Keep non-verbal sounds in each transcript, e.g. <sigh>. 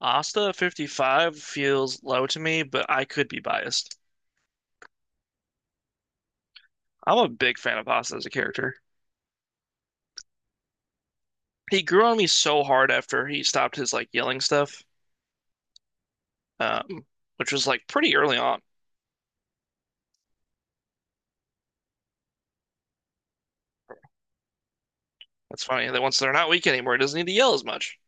Asta 55 feels low to me, but I could be biased. I'm a big fan of Asta as a character. He grew on me so hard after he stopped his like yelling stuff, um, which was like pretty early on. That's funny that once they're not weak anymore, he doesn't need to yell as much.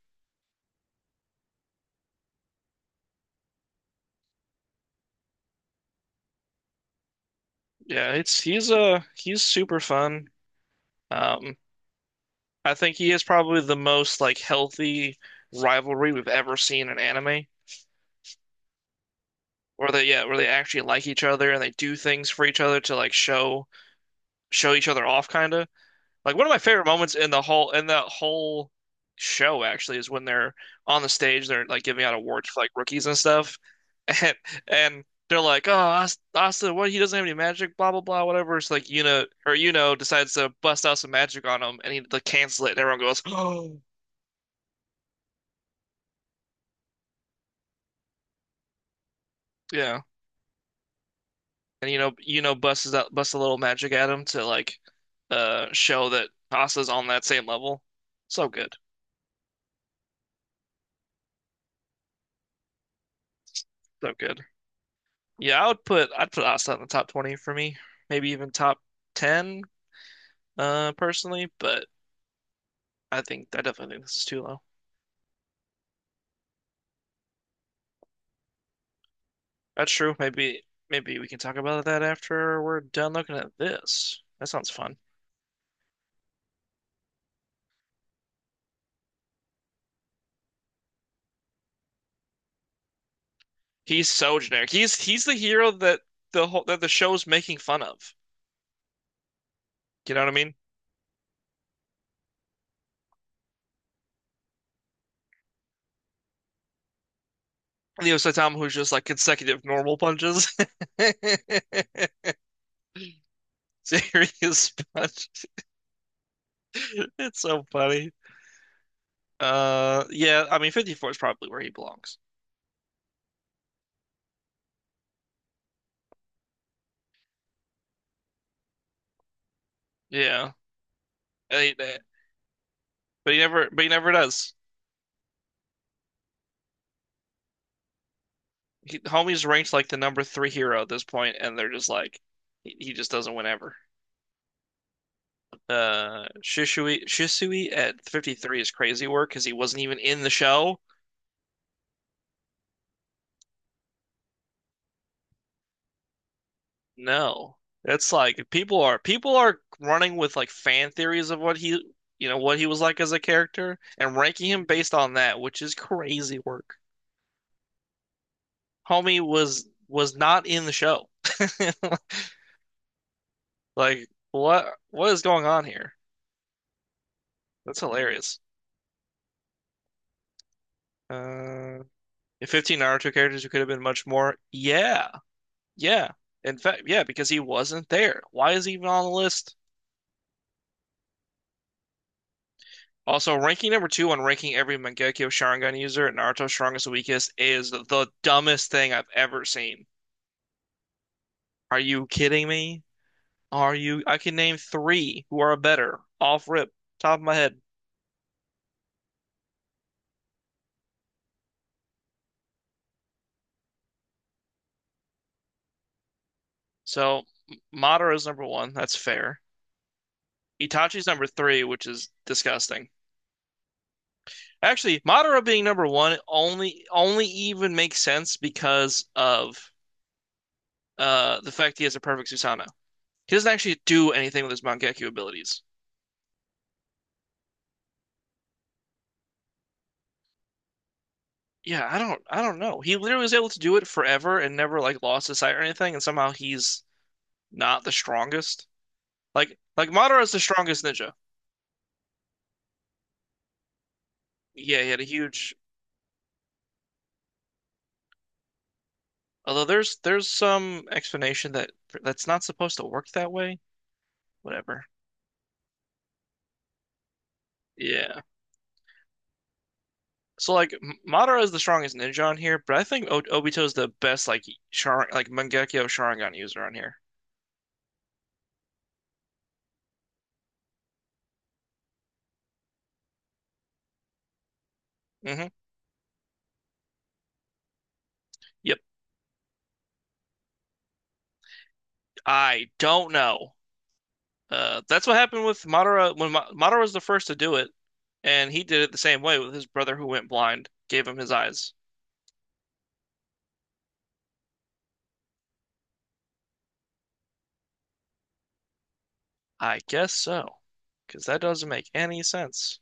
Yeah, it's he's super fun. Um, I think he is probably the most like healthy rivalry we've ever seen in anime, where they actually like each other and they do things for each other to like show each other off kind of. Like one of my favorite moments in the whole show actually is when they're on the stage, they're like giving out awards for like rookies and stuff, <laughs> and and they're like, "Oh, Asta, what? He doesn't have any magic, blah blah blah, whatever." It's like Yuna or Yuno decides to bust out some magic on him, and he like cancel it, and everyone goes, <gasps> "Oh, yeah." And busts a little magic at him to like show that Asta's on that same level. So good, so good. Yeah, I'd put Asta in the top 20 for me, maybe even top 10, personally, but I definitely think this is too low. That's true. Maybe we can talk about that after we're done looking at this. That sounds fun. He's so generic. He's the hero that the whole that the show's making fun of. You know what I mean? Leo Saitama, who's just like consecutive normal punches, <laughs> serious punch. It's so funny. Yeah, I mean, 54 is probably where he belongs. Yeah. And he- But he never, does. He, homie's ranked like the number 3 hero at this point, and they're just like, he just doesn't win ever. Shisui at 53 is crazy work because he wasn't even in the show. No, that's like people are running with like fan theories of what he, you know, what he was like as a character and ranking him based on that, which is crazy work. Homie was not in the show. <laughs> Like, what is going on here? That's hilarious. Uh, if 15 Naruto characters, it could have been much more. Yeah, yeah. In fact, yeah, because he wasn't there. Why is he even on the list? Also, ranking number 2 on ranking every Mangekyo Sharingan user at Naruto's strongest and weakest is the dumbest thing I've ever seen. Are you kidding me? Are you? I can name three who are better off rip, top of my head. So, Madara's number 1. That's fair. Itachi's number 3, which is disgusting. Actually, Madara being number 1 only even makes sense because of the fact he has a perfect Susanoo. He doesn't actually do anything with his Mangekyou abilities. Yeah, I don't know. He literally was able to do it forever and never like lost his sight or anything, and somehow he's not the strongest. Like Madara's the strongest ninja. Yeah, he had a huge. Although there's some explanation that that's not supposed to work that way. Whatever. Yeah. So like Madara is the strongest ninja on here, but I think o Obito is the best like Shar like Mangekyo Sharingan user on here. Hmm Yep. I don't know. That's what happened with Madara when Ma Madara was the first to do it, and he did it the same way with his brother who went blind, gave him his eyes. I guess so, because that doesn't make any sense.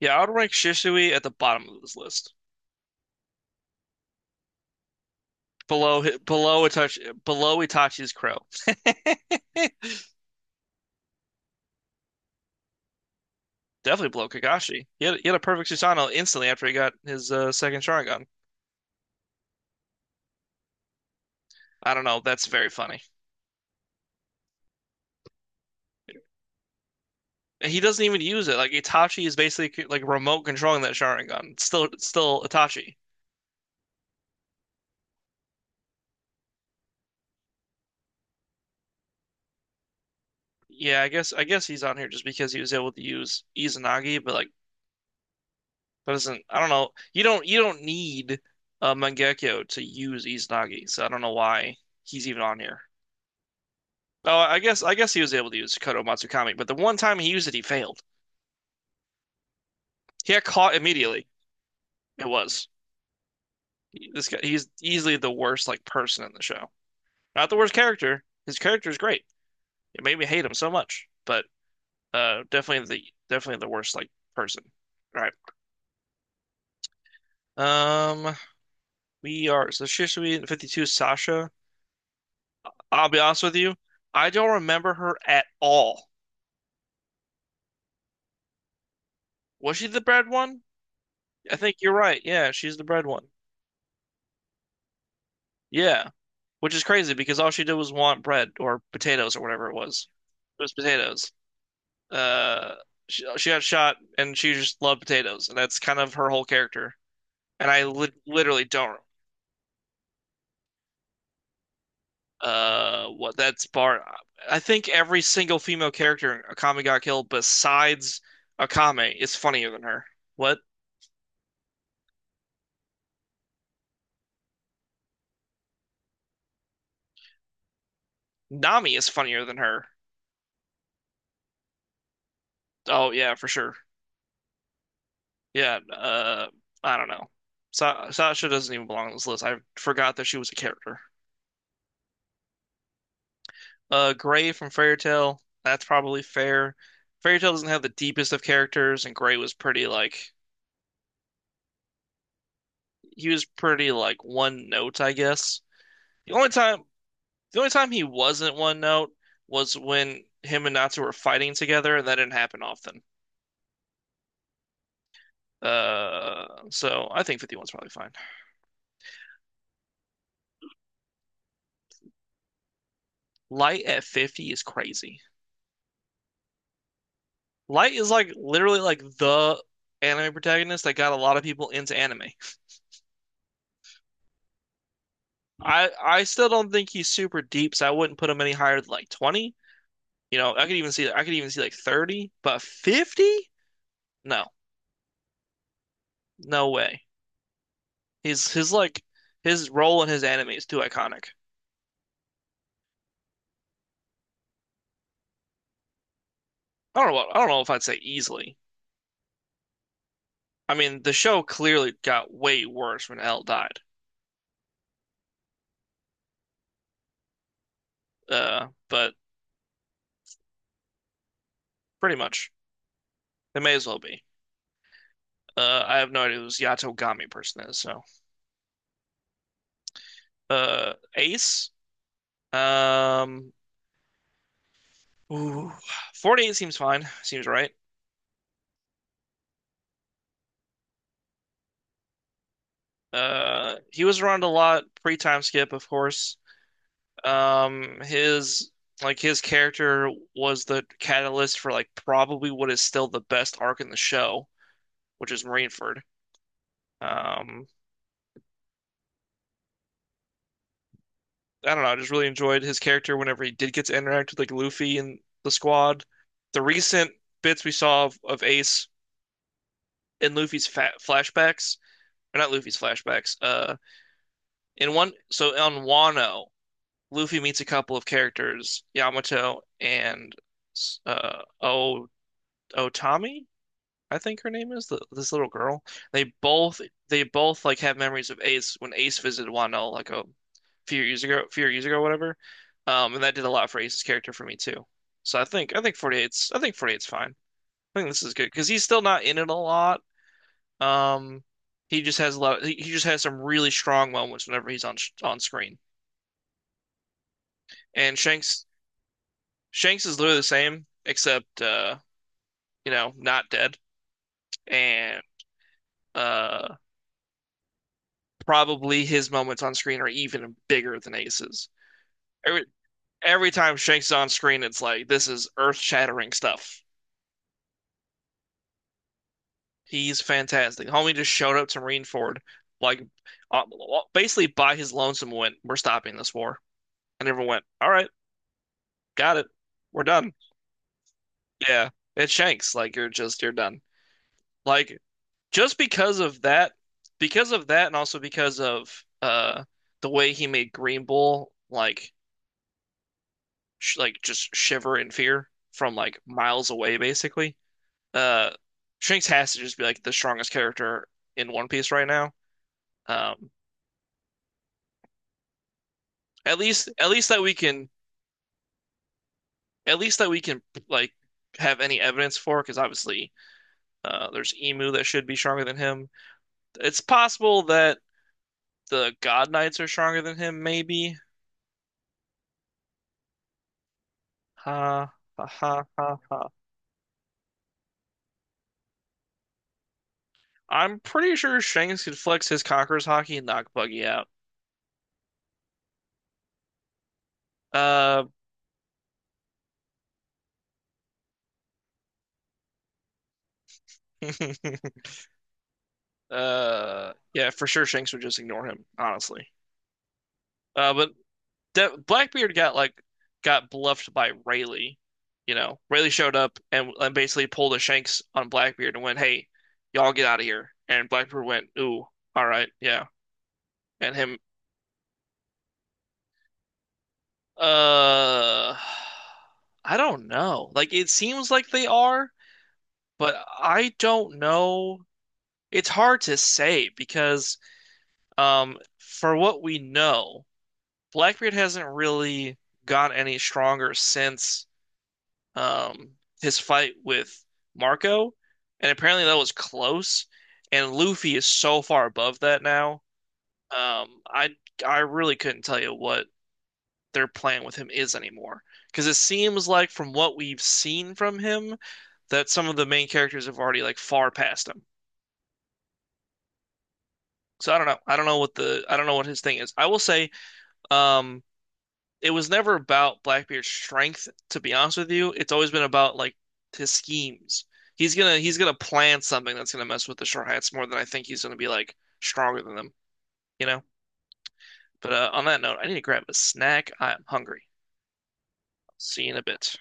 Yeah, I would rank Shisui at the bottom of this list, below Itachi, below Itachi's crow. <laughs> definitely blow Kakashi. He had a perfect Susanoo instantly after he got his second Sharingan. I don't know. That's very funny. He doesn't even use it. Like Itachi is basically like remote controlling that Sharingan. It's still Itachi. Yeah, I guess he's on here just because he was able to use Izanagi, but like that doesn't. I don't know. You don't need Mangekyo to use Izanagi, so I don't know why he's even on here. Oh, I guess he was able to use Kodo Matsukami, but the one time he used it, he failed. He got caught immediately. It was. This guy, he's easily the worst like person in the show. Not the worst character. His character is great. It made me hate him so much, but definitely the worst like person. All right. Um, we are so Shisui and 52 Sasha. I'll be honest with you, I don't remember her at all. Was she the bread one? I think you're right. Yeah, she's the bread one. Yeah, which is crazy because all she did was want bread or potatoes or whatever it was. It was potatoes. uh she got shot and she just loved potatoes and that's kind of her whole character and I li literally don't what that's part. I think every single female character in Akame Got Killed besides Akame is funnier than her what Nami is funnier than her oh yeah for sure yeah I don't know Sa Sasha doesn't even belong on this list I forgot that she was a character. Gray from Fairy Tail. That's probably fair. Fairy Tail doesn't have the deepest of characters, and Gray was pretty like he was pretty like one note, I guess. The only time the only time he wasn't one note was when him and Natsu were fighting together, and that didn't happen often. So I think 51's probably fine. Light at 50 is crazy. Light is like literally like the anime protagonist that got a lot of people into anime. I still don't think he's super deep, so I wouldn't put him any higher than like 20. You know, I could even see like 30, but 50? No. No way. He's his like his role in his anime is too iconic. I don't know what, I don't know if I'd say easily. I mean, the show clearly got way worse when L died. But pretty much it may as well be. I have no idea who this Yato Gami person is, so Ace. Um ooh, 48 seems fine. Seems right. He was around a lot pre-time skip, of course. His like his character was the catalyst for like probably what is still the best arc in the show, which is Marineford. Um, I don't know, I just really enjoyed his character whenever he did get to interact with like Luffy and the squad. The recent bits we saw of Ace in Luffy's fa flashbacks, or not Luffy's flashbacks. So on Wano, Luffy meets a couple of characters, Yamato and O Otami. I think her name is this little girl. They both they both like have memories of Ace when Ace visited Wano like a few years ago, whatever. And that did a lot for Ace's character for me too. So I think 48's fine. I think this is good because he's still not in it a lot. Um, he just has a lot. He just has some really strong moments whenever he's on on screen. And Shanks Shanks is literally the same except you know not dead and uh. probably his moments on screen are even bigger than Ace's. Every, every time Shank's on screen, it's like this is earth-shattering stuff. He's fantastic. Homie just showed up to Marineford, like uh, basically by his lonesome went, "We're stopping this war," and everyone went, "All right, got it, we're done." Yeah, it's Shanks. Like you're done. Like just because of that, and also because of the way he made Green Bull like sh like just shiver in fear from like miles away, basically. Uh, Shanks has to just be like the strongest character in One Piece right now. Um, at least at least that we can at least that we can like have any evidence for, because obviously there's Emu that should be stronger than him. It's possible that the God Knights are stronger than him, maybe. Ha ha ha ha ha. I'm pretty sure Shanks could flex his Conqueror's hockey and knock Buggy out. Uh, <laughs> yeah, for sure, Shanks would just ignore him, honestly. But De Blackbeard got bluffed by Rayleigh. You know, Rayleigh showed up and basically pulled a Shanks on Blackbeard and went, "Hey, y'all get out of here." And Blackbeard went, "Ooh, all right, yeah." And him, uh, I don't know. Like it seems like they are, but I don't know. It's hard to say because, for what we know, Blackbeard hasn't really got any stronger since um, his fight with Marco, and apparently that was close. And Luffy is so far above that now. Um, I I really couldn't tell you what their plan with him is anymore, because it seems like from what we've seen from him, that some of the main characters have already like far past him. So I don't know. I don't know what the I don't know what his thing is. I will say, um, it was never about Blackbeard's strength, to be honest with you. It's always been about like his schemes. He's gonna plan something that's gonna mess with the Straw Hats more than I think he's gonna be like stronger than them, you know? But on that note, I need to grab a snack. I'm hungry. See you in a bit.